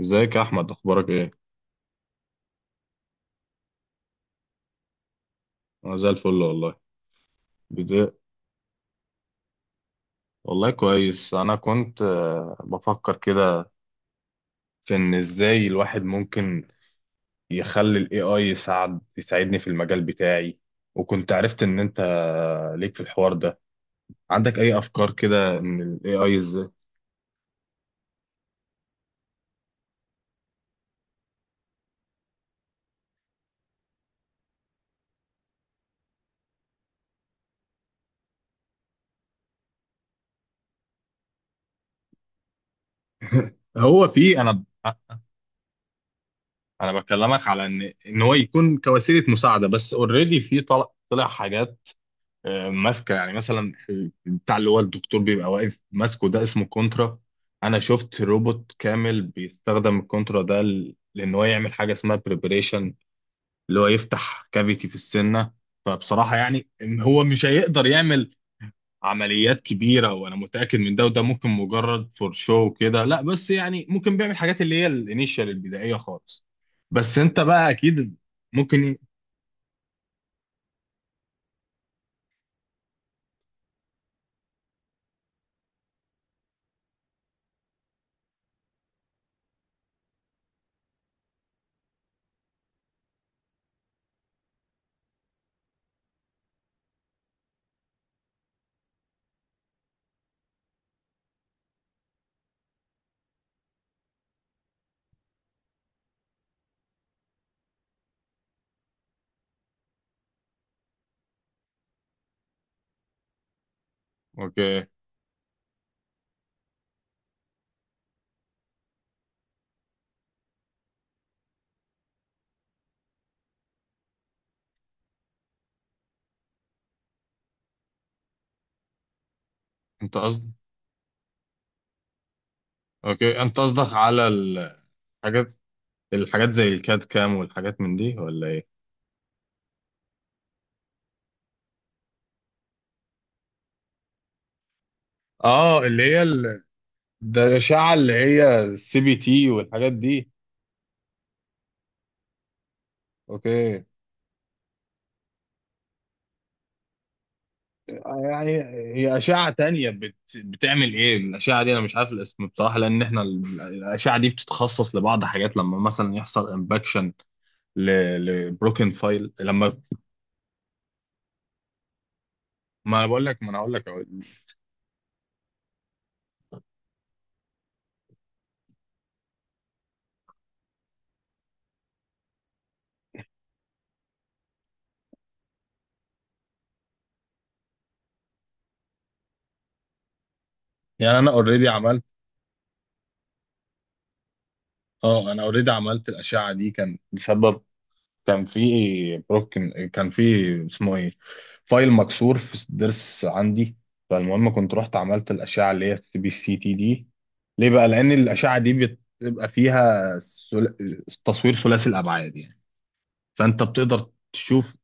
ازيك يا احمد، اخبارك ايه؟ انا زي الفل والله. بدأ. والله كويس. انا كنت بفكر كده في ان ازاي الواحد ممكن يخلي الاي اي يساعدني في المجال بتاعي. وكنت عرفت ان انت ليك في الحوار ده. عندك اي افكار كده ان الاي اي ازاي؟ هو في. انا انا بكلمك على ان هو يكون كوسيله مساعده بس. اوريدي في طلع حاجات. ماسكه يعني مثلا. بتاع اللي هو الدكتور بيبقى واقف ماسكه ده اسمه كونترا. انا شفت روبوت كامل بيستخدم الكونترا ده لان هو يعمل حاجه اسمها بريبريشن اللي هو يفتح كافيتي في السنه. فبصراحه يعني إن هو مش هيقدر يعمل عمليات كبيره، وانا متاكد من ده. وده ممكن مجرد فور شو كده، لا بس يعني ممكن بيعمل حاجات اللي هي الانيشال البدائيه خالص. بس انت بقى اكيد. ممكن. اوكي انت قصد اوكي انت قصدك على الحاجات الحاجات زي الكاد كام والحاجات من دي ولا ايه؟ اه. ده الأشعة اللي هي السي بي تي والحاجات دي. اوكي. يعني هي أشعة تانية بتعمل ايه الأشعة دي، انا مش عارف الاسم بصراحة. لان احنا الأشعة دي بتتخصص لبعض حاجات لما مثلا يحصل امباكشن. ل... لبروكن فايل لما. ما انا هقول لك أهو. يعني انا اوريدي عملت. اه انا اوريدي عملت الأشعة دي كان بسبب. كان في بروك. كان في. اسمه ايه. فايل مكسور في الضرس عندي. فالمهم كنت رحت عملت الاشعه اللي هي السي بي سي تي دي. ليه بقى؟ لان الاشعه دي بتبقى فيها تصوير ثلاثي الابعاد يعني. فانت بتقدر تشوف.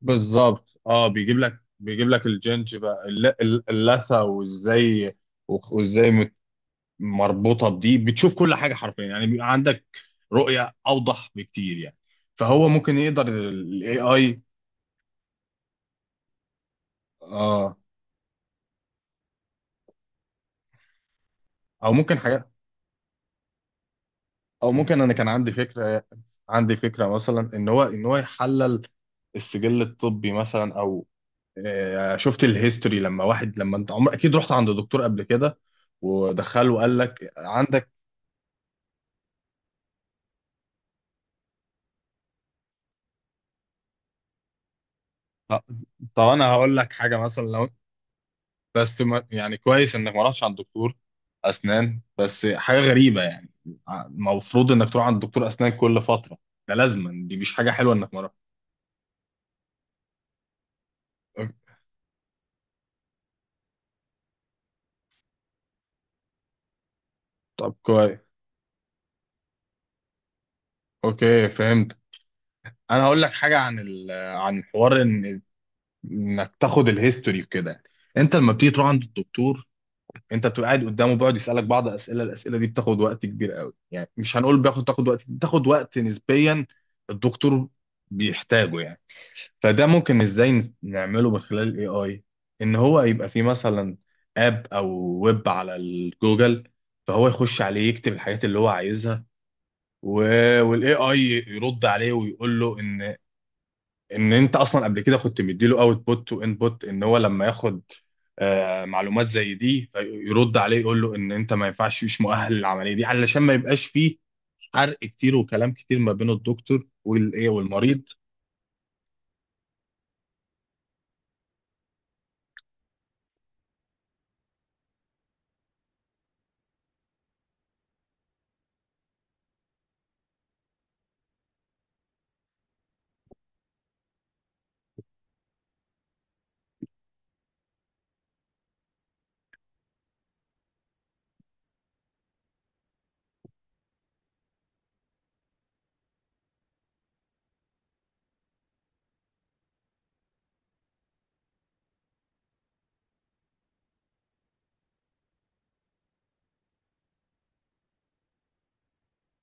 بالظبط، اه. بيجيب لك الجنج بقى، اللثه. وازاي مربوطه بدي، بتشوف كل حاجه حرفيا يعني. بيبقى عندك رؤيه اوضح بكتير يعني. فهو ممكن يقدر الاي اي. اه. او ممكن حاجه. او ممكن انا كان عندي فكره عندي فكره مثلا ان هو يحلل السجل الطبي مثلا، او شفت الهيستوري. لما واحد، لما انت عمر اكيد رحت عند دكتور قبل كده ودخله وقال لك عندك آه، طب انا هقول لك حاجه مثلا لو. بس ما يعني كويس انك ما رحتش عند دكتور اسنان، بس حاجه غريبه يعني. المفروض انك تروح عند دكتور اسنان كل فتره. ده لازما، دي مش حاجه حلوه انك ما رحت. طب كويس. اوكي فهمت. انا هقول لك حاجه عن عن حوار ان انك تاخد الهيستوري وكده. انت لما بتيجي تروح عند الدكتور، انت بتبقى قاعد قدامه، بيقعد يسالك بعض اسئله. الاسئله دي بتاخد وقت كبير قوي يعني. مش هنقول بياخد، تاخد وقت بتاخد وقت نسبيا الدكتور بيحتاجه يعني. فده ممكن ازاي نعمله من خلال الاي اي. ان هو يبقى فيه مثلا اب او ويب على الجوجل. فهو يخش عليه يكتب الحاجات اللي هو عايزها، والاي اي يرد عليه ويقول له ان انت اصلا قبل كده كنت مديله اوتبوت وانبوت، ان هو لما ياخد معلومات زي دي يرد عليه يقول له ان انت ما ينفعش، مش مؤهل للعمليه دي، علشان ما يبقاش فيه حرق كتير وكلام كتير ما بين الدكتور والايه والمريض.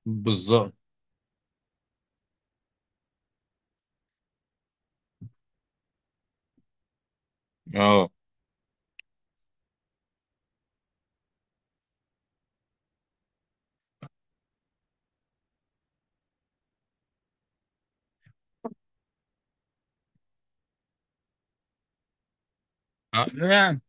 بالظبط، اه. يعني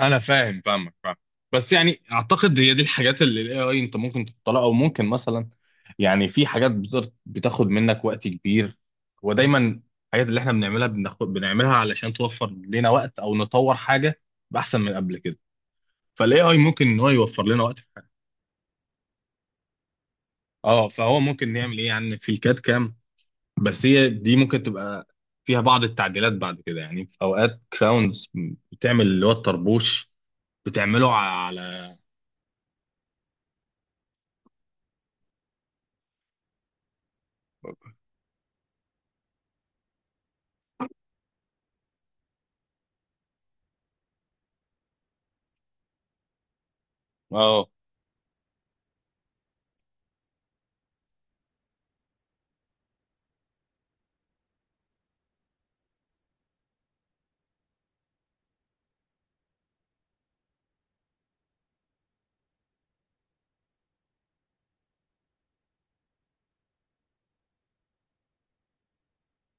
انا فاهم، فاهمك. بس يعني اعتقد هي دي الحاجات اللي الاي اي انت ممكن تحطها، او ممكن مثلا، يعني في حاجات بتاخد منك وقت كبير. ودايما الحاجات اللي احنا بنعملها، بنعملها علشان توفر لنا وقت او نطور حاجه باحسن من قبل كده. فالاي اي ممكن ان هو يوفر لنا وقت في حاجه. اه فهو ممكن يعمل ايه يعني في الكاد كام. بس هي دي ممكن تبقى فيها بعض التعديلات بعد كده يعني. في اوقات كراونز بتعمل اللي هو الطربوش، بتعمله على. اه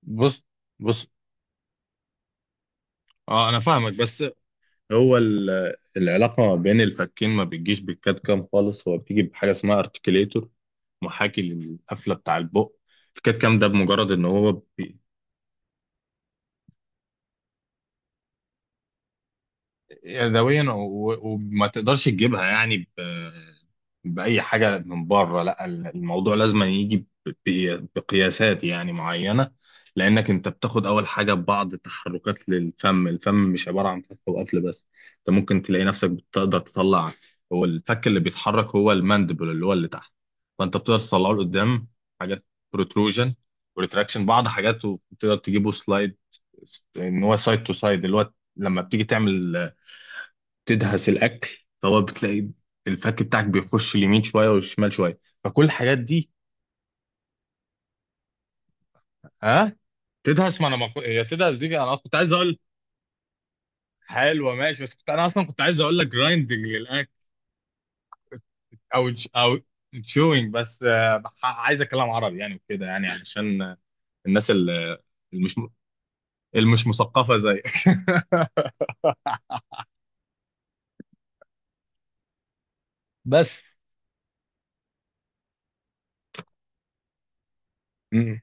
بص بص، اه انا فاهمك. بس هو العلاقه ما بين الفكين ما بتجيش بالكاد كام خالص، هو بتيجي بحاجه اسمها ارتكيليتور، محاكي للقفله بتاع البق. الكاد كام ده بمجرد ان هو يدويا، وما تقدرش تجيبها يعني بأي حاجة من بره. لا الموضوع لازم يجي بقياسات يعني معينة، لأنك أنت بتاخد أول حاجة ببعض تحركات للفم. الفم مش عبارة عن فتح وقفل بس، أنت ممكن تلاقي نفسك بتقدر تطلع. هو الفك اللي بيتحرك هو الماندبل اللي هو اللي تحت، فأنت بتقدر تطلعه لقدام. حاجات بروتروجن وريتراكشن، بعض حاجات، وتقدر تجيبه سلايد ان هو سايد تو سايد اللي هو لما بتيجي تعمل تدهس الاكل، فهو بتلاقي الفك بتاعك بيخش اليمين شويه والشمال شويه، فكل الحاجات دي. ها، تدهس. ما انا ما كو- هي تدهس دي انا كنت عايز اقول. حلوه ماشي، بس كنت انا اصلا كنت عايز اقول لك جرايندنج للاكل، او تشوينج. بس عايز اتكلم عربي يعني وكده يعني علشان الناس ال- المش المش مثقفه زيك بس. مم.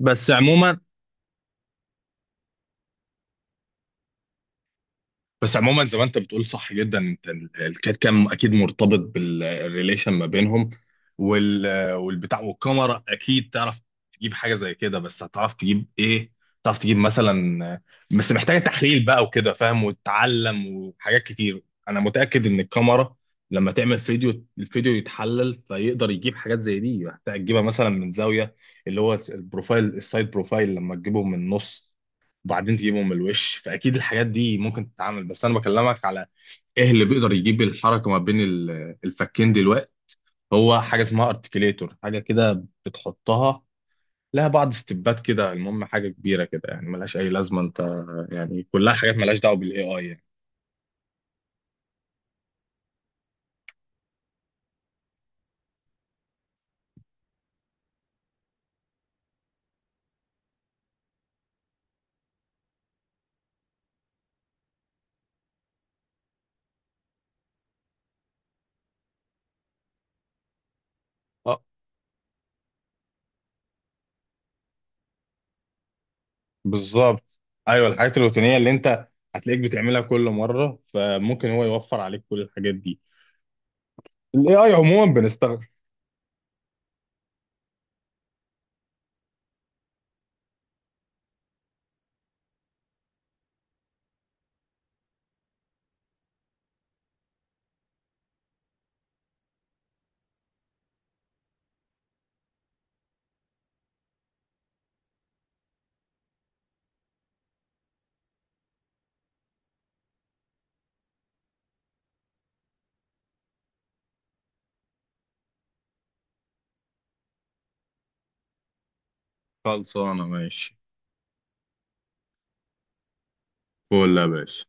بس عموما، زي ما انت بتقول صح جدا. انت الكاد كام اكيد مرتبط بالريليشن ما بينهم، وال والبتاع. والكاميرا اكيد تعرف تجيب حاجه زي كده، بس هتعرف تجيب ايه؟ تعرف تجيب مثلا، بس محتاجه تحليل بقى وكده فاهم وتتعلم، وحاجات كتير. انا متاكد ان الكاميرا لما تعمل فيديو، الفيديو يتحلل فيقدر يجيب حاجات زي دي. محتاج تجيبها مثلا من زاويه، اللي هو البروفايل السايد بروفايل، لما تجيبه من النص وبعدين تجيبهم من الوش. فاكيد الحاجات دي ممكن تتعمل. بس انا بكلمك على ايه اللي بيقدر يجيب الحركه ما بين الفكين دلوقتي. هو حاجه اسمها ارتكيليتور، حاجه كده بتحطها، لها بعض ستيبات كده. المهم حاجه كبيره كده يعني، ملهاش اي لازمه انت، يعني كلها حاجات ملهاش دعوه بالاي اي يعني. اه بالظبط. ايوه الحاجات الروتينيه اللي انت هتلاقيك بتعملها كل مره، فممكن هو يوفر عليك كل الحاجات دي. الاي اي عموما بنستخدم. خلصانه ماشي. فول يا باشا.